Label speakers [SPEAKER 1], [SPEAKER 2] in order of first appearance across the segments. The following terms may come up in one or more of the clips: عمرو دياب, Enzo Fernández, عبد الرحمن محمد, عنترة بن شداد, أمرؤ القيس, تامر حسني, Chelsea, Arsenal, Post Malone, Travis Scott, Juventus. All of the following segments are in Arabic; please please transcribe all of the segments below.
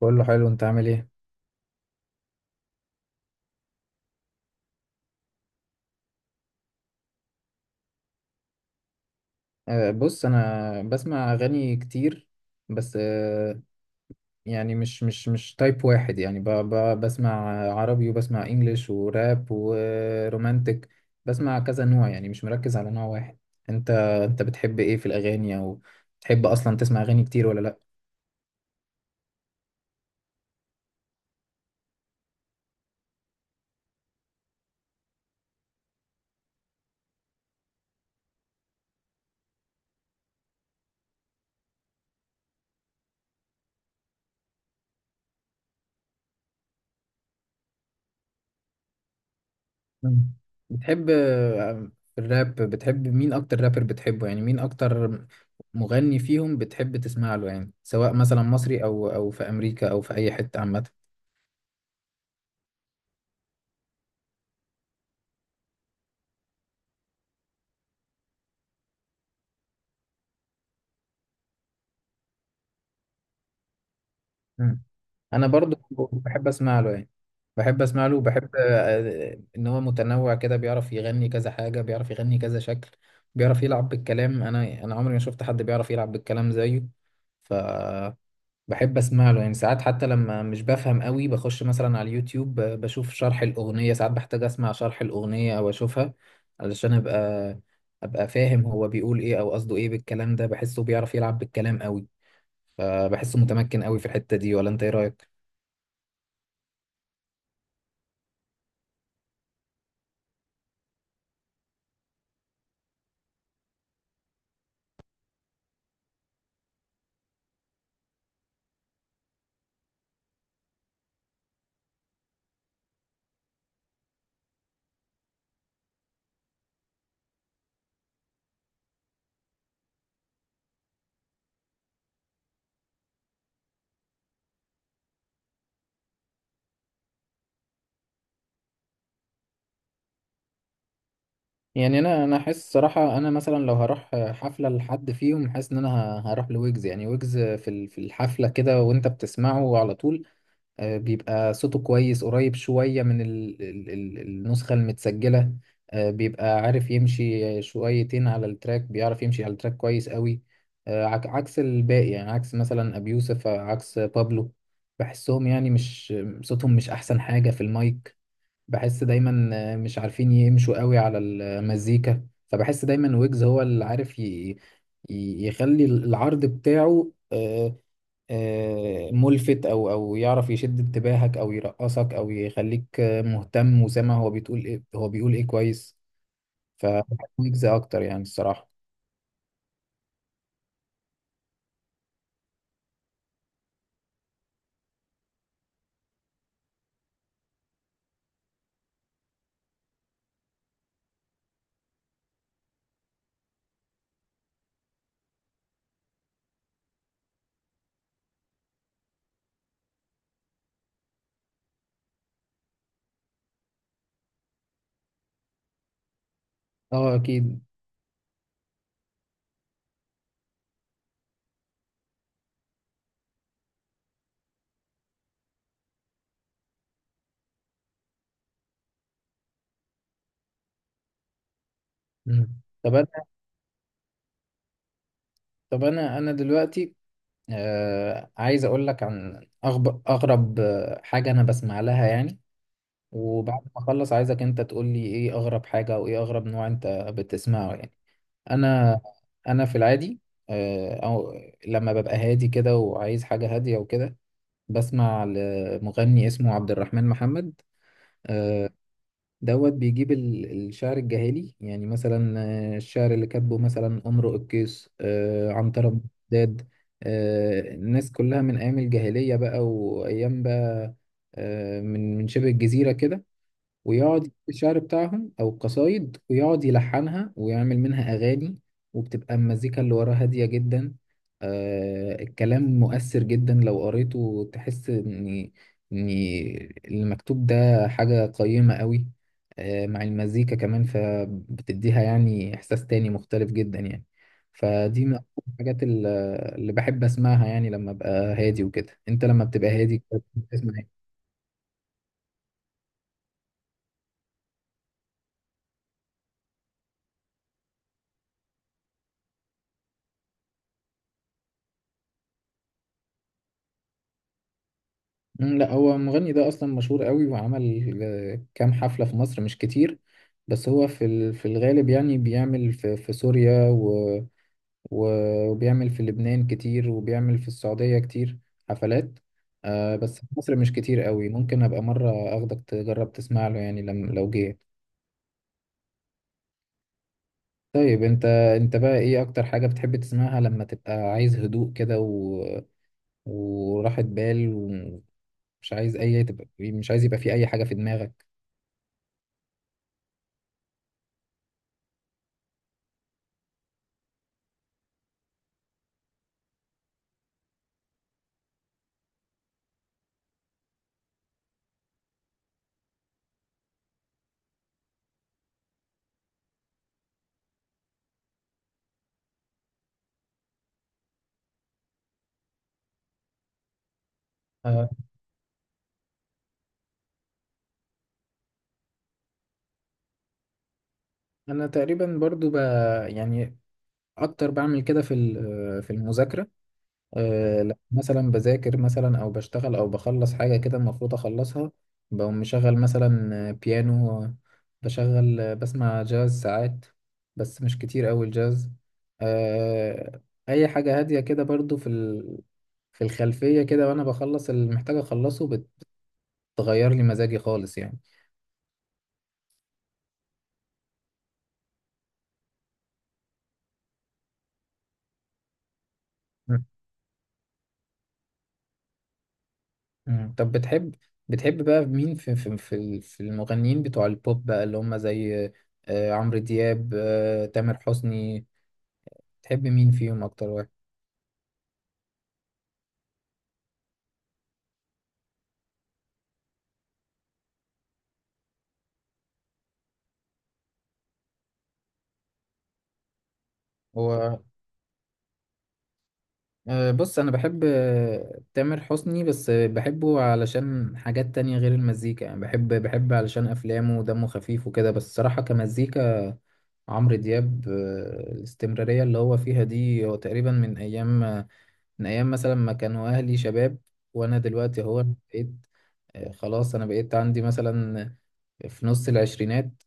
[SPEAKER 1] بقول له حلو، انت عامل ايه؟ أه، بص، انا بسمع اغاني كتير، بس يعني مش تايب واحد، يعني ب ب بسمع عربي وبسمع انجليش وراب ورومانتك. بسمع كذا نوع، يعني مش مركز على نوع واحد. انت انت بتحب ايه في الاغاني، او بتحب اصلا تسمع اغاني كتير ولا لا؟ مم. بتحب، الراب؟ بتحب مين اكتر رابر بتحبه، يعني مين اكتر مغني فيهم بتحب تسمع له، يعني سواء مثلا مصري او في امريكا او في اي حتة عامة؟ مم. انا برضو بحب اسمع له يعني. بحب اسمع له، وبحب ان هو متنوع كده، بيعرف يغني كذا حاجه، بيعرف يغني كذا شكل. بيعرف يلعب بالكلام. انا عمري ما شفت حد بيعرف يلعب بالكلام زيه، ف بحب اسمع له يعني. ساعات حتى لما مش بفهم قوي بخش مثلا على اليوتيوب، بشوف شرح الاغنيه. ساعات بحتاج اسمع شرح الاغنيه او اشوفها علشان ابقى فاهم هو بيقول ايه او قصده ايه بالكلام ده. بحسه بيعرف يلعب بالكلام قوي، فبحسه متمكن قوي في الحته دي. ولا انت ايه رايك؟ يعني انا احس صراحه انا مثلا لو هروح حفله لحد فيهم، حاسس ان انا هروح لويجز. يعني ويجز في في الحفله كده وانت بتسمعه على طول، بيبقى صوته كويس، قريب شويه من ال ال ال النسخه المتسجله. بيبقى عارف يمشي شويتين على التراك، بيعرف يمشي على التراك كويس قوي، عكس الباقي. يعني عكس مثلا ابي يوسف، عكس بابلو. بحسهم يعني مش، صوتهم مش احسن حاجه في المايك، بحس دايما مش عارفين يمشوا قوي على المزيكا. فبحس دايما ويجز هو اللي عارف يخلي العرض بتاعه ملفت، او يعرف يشد انتباهك او يرقصك او يخليك مهتم وسامع هو بيقول ايه كويس، فبحب ويجز اكتر يعني، الصراحة. اه، اكيد. مم. طب انا طب انا دلوقتي، عايز اقول لك عن اغرب حاجة انا بسمع لها يعني. وبعد ما اخلص، عايزك انت تقول لي ايه اغرب حاجة او ايه اغرب نوع انت بتسمعه يعني. انا انا في العادي، آه، او لما ببقى هادي كده وعايز حاجة هادية وكده، بسمع لمغني اسمه عبد الرحمن محمد. آه، دوت بيجيب الشعر الجاهلي، يعني مثلا الشعر اللي كاتبه مثلا أمرؤ القيس، عنترة بن شداد، الناس كلها من أيام الجاهلية بقى، وأيام بقى من شبه الجزيرة كده. ويقعد يجيب الشعر بتاعهم أو القصايد، ويقعد يلحنها ويعمل منها أغاني. وبتبقى المزيكا اللي وراها هادية جدا، الكلام مؤثر جدا. لو قريته تحس إن إن المكتوب ده حاجة قيمة قوي، مع المزيكا كمان، فبتديها يعني إحساس تاني مختلف جدا يعني. فدي من أكتر الحاجات اللي بحب أسمعها، يعني لما أبقى هادي وكده. أنت لما بتبقى هادي بتسمع إيه؟ مم، لا، هو المغني ده اصلا مشهور قوي، وعمل كام حفلة في مصر، مش كتير، بس هو في في الغالب يعني بيعمل في سوريا، وبيعمل في لبنان كتير، وبيعمل في السعودية كتير حفلات. بس في مصر مش كتير قوي. ممكن ابقى مرة اخدك تجرب تسمع له يعني لما لو جه. طيب انت بقى ايه اكتر حاجة بتحب تسمعها لما تبقى عايز هدوء كده وراحة بال، ومش عايز اي تبقى مش عايز يبقى في اي حاجة في دماغك؟ انا تقريبا برضو يعني اكتر بعمل كده في في المذاكره. لما مثلا بذاكر، مثلا او بشتغل او بخلص حاجه كده المفروض اخلصها، بقوم مشغل مثلا بيانو، بشغل بسمع جاز ساعات، بس مش كتير قوي الجاز. أه، اي حاجه هاديه كده برضو في في الخلفيه كده، وانا بخلص اللي محتاج اخلصه. بتغير لي مزاجي خالص يعني. مم. طب بتحب بقى مين في المغنيين بتوع البوب بقى، اللي هم زي عمرو دياب، تامر حسني؟ بتحب مين فيهم اكتر واحد؟ هو بص، انا بحب تامر حسني، بس بحبه علشان حاجات تانية غير المزيكا يعني. بحب علشان افلامه ودمه خفيف وكده. بس صراحة كمزيكا، عمرو دياب، الاستمرارية اللي هو فيها دي، هو تقريبا من ايام، من ايام مثلا ما كانوا اهلي شباب، وانا دلوقتي بقيت، خلاص انا بقيت عندي مثلا في نص العشرينات،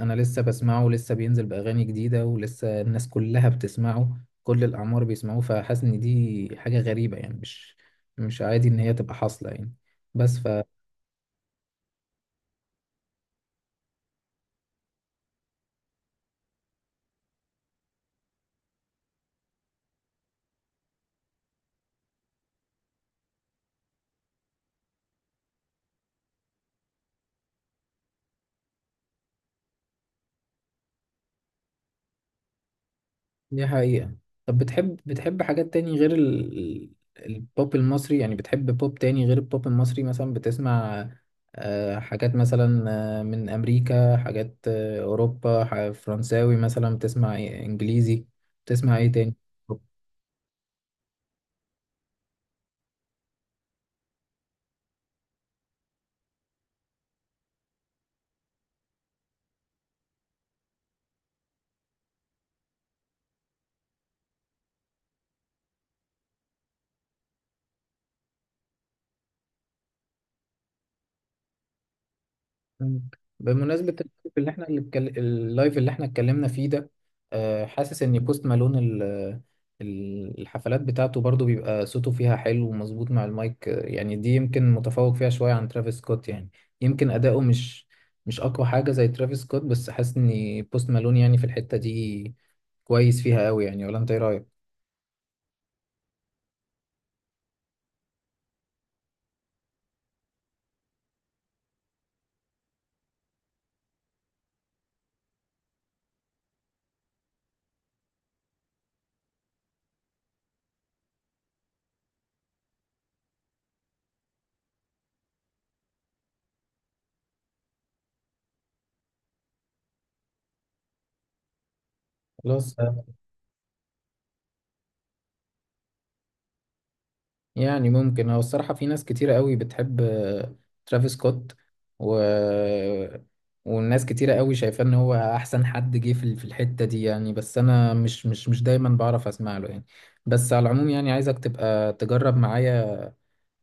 [SPEAKER 1] انا لسه بسمعه، ولسه بينزل باغاني جديده، ولسه الناس كلها بتسمعه، كل الاعمار بيسمعوه. فحاسس ان دي حاجه غريبه، يعني مش عادي ان هي تبقى حاصله يعني. بس ف دي حقيقة. طب بتحب حاجات تاني غير البوب المصري؟ يعني بتحب بوب تاني غير البوب المصري؟ مثلا بتسمع حاجات، مثلا من أمريكا؟ حاجات أوروبا، فرنساوي، مثلا بتسمع إيه؟ إنجليزي؟ بتسمع إيه تاني؟ مم. بمناسبة اللايف اللي احنا اتكلمنا فيه ده، حاسس ان بوست مالون الحفلات بتاعته برضو بيبقى صوته فيها حلو ومظبوط مع المايك. يعني دي يمكن متفوق فيها شوية عن ترافيس سكوت يعني. يمكن أداؤه مش أقوى حاجة زي ترافيس سكوت، بس حاسس ان بوست مالون يعني في الحتة دي كويس فيها قوي يعني. ولا انت ايه رأيك؟ خلاص. يعني ممكن، هو الصراحة في ناس كتيرة قوي بتحب ترافيس سكوت و... والناس كتيرة قوي شايفاه ان هو احسن حد جه في في الحتة دي يعني. بس انا مش دايما بعرف اسمع له يعني. بس على العموم، يعني عايزك تبقى تجرب معايا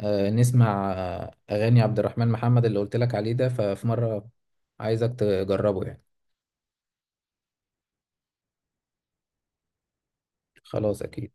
[SPEAKER 1] نسمع اغاني عبد الرحمن محمد اللي قلت لك عليه ده. ففي مرة عايزك تجربه يعني. خلاص، اكيد.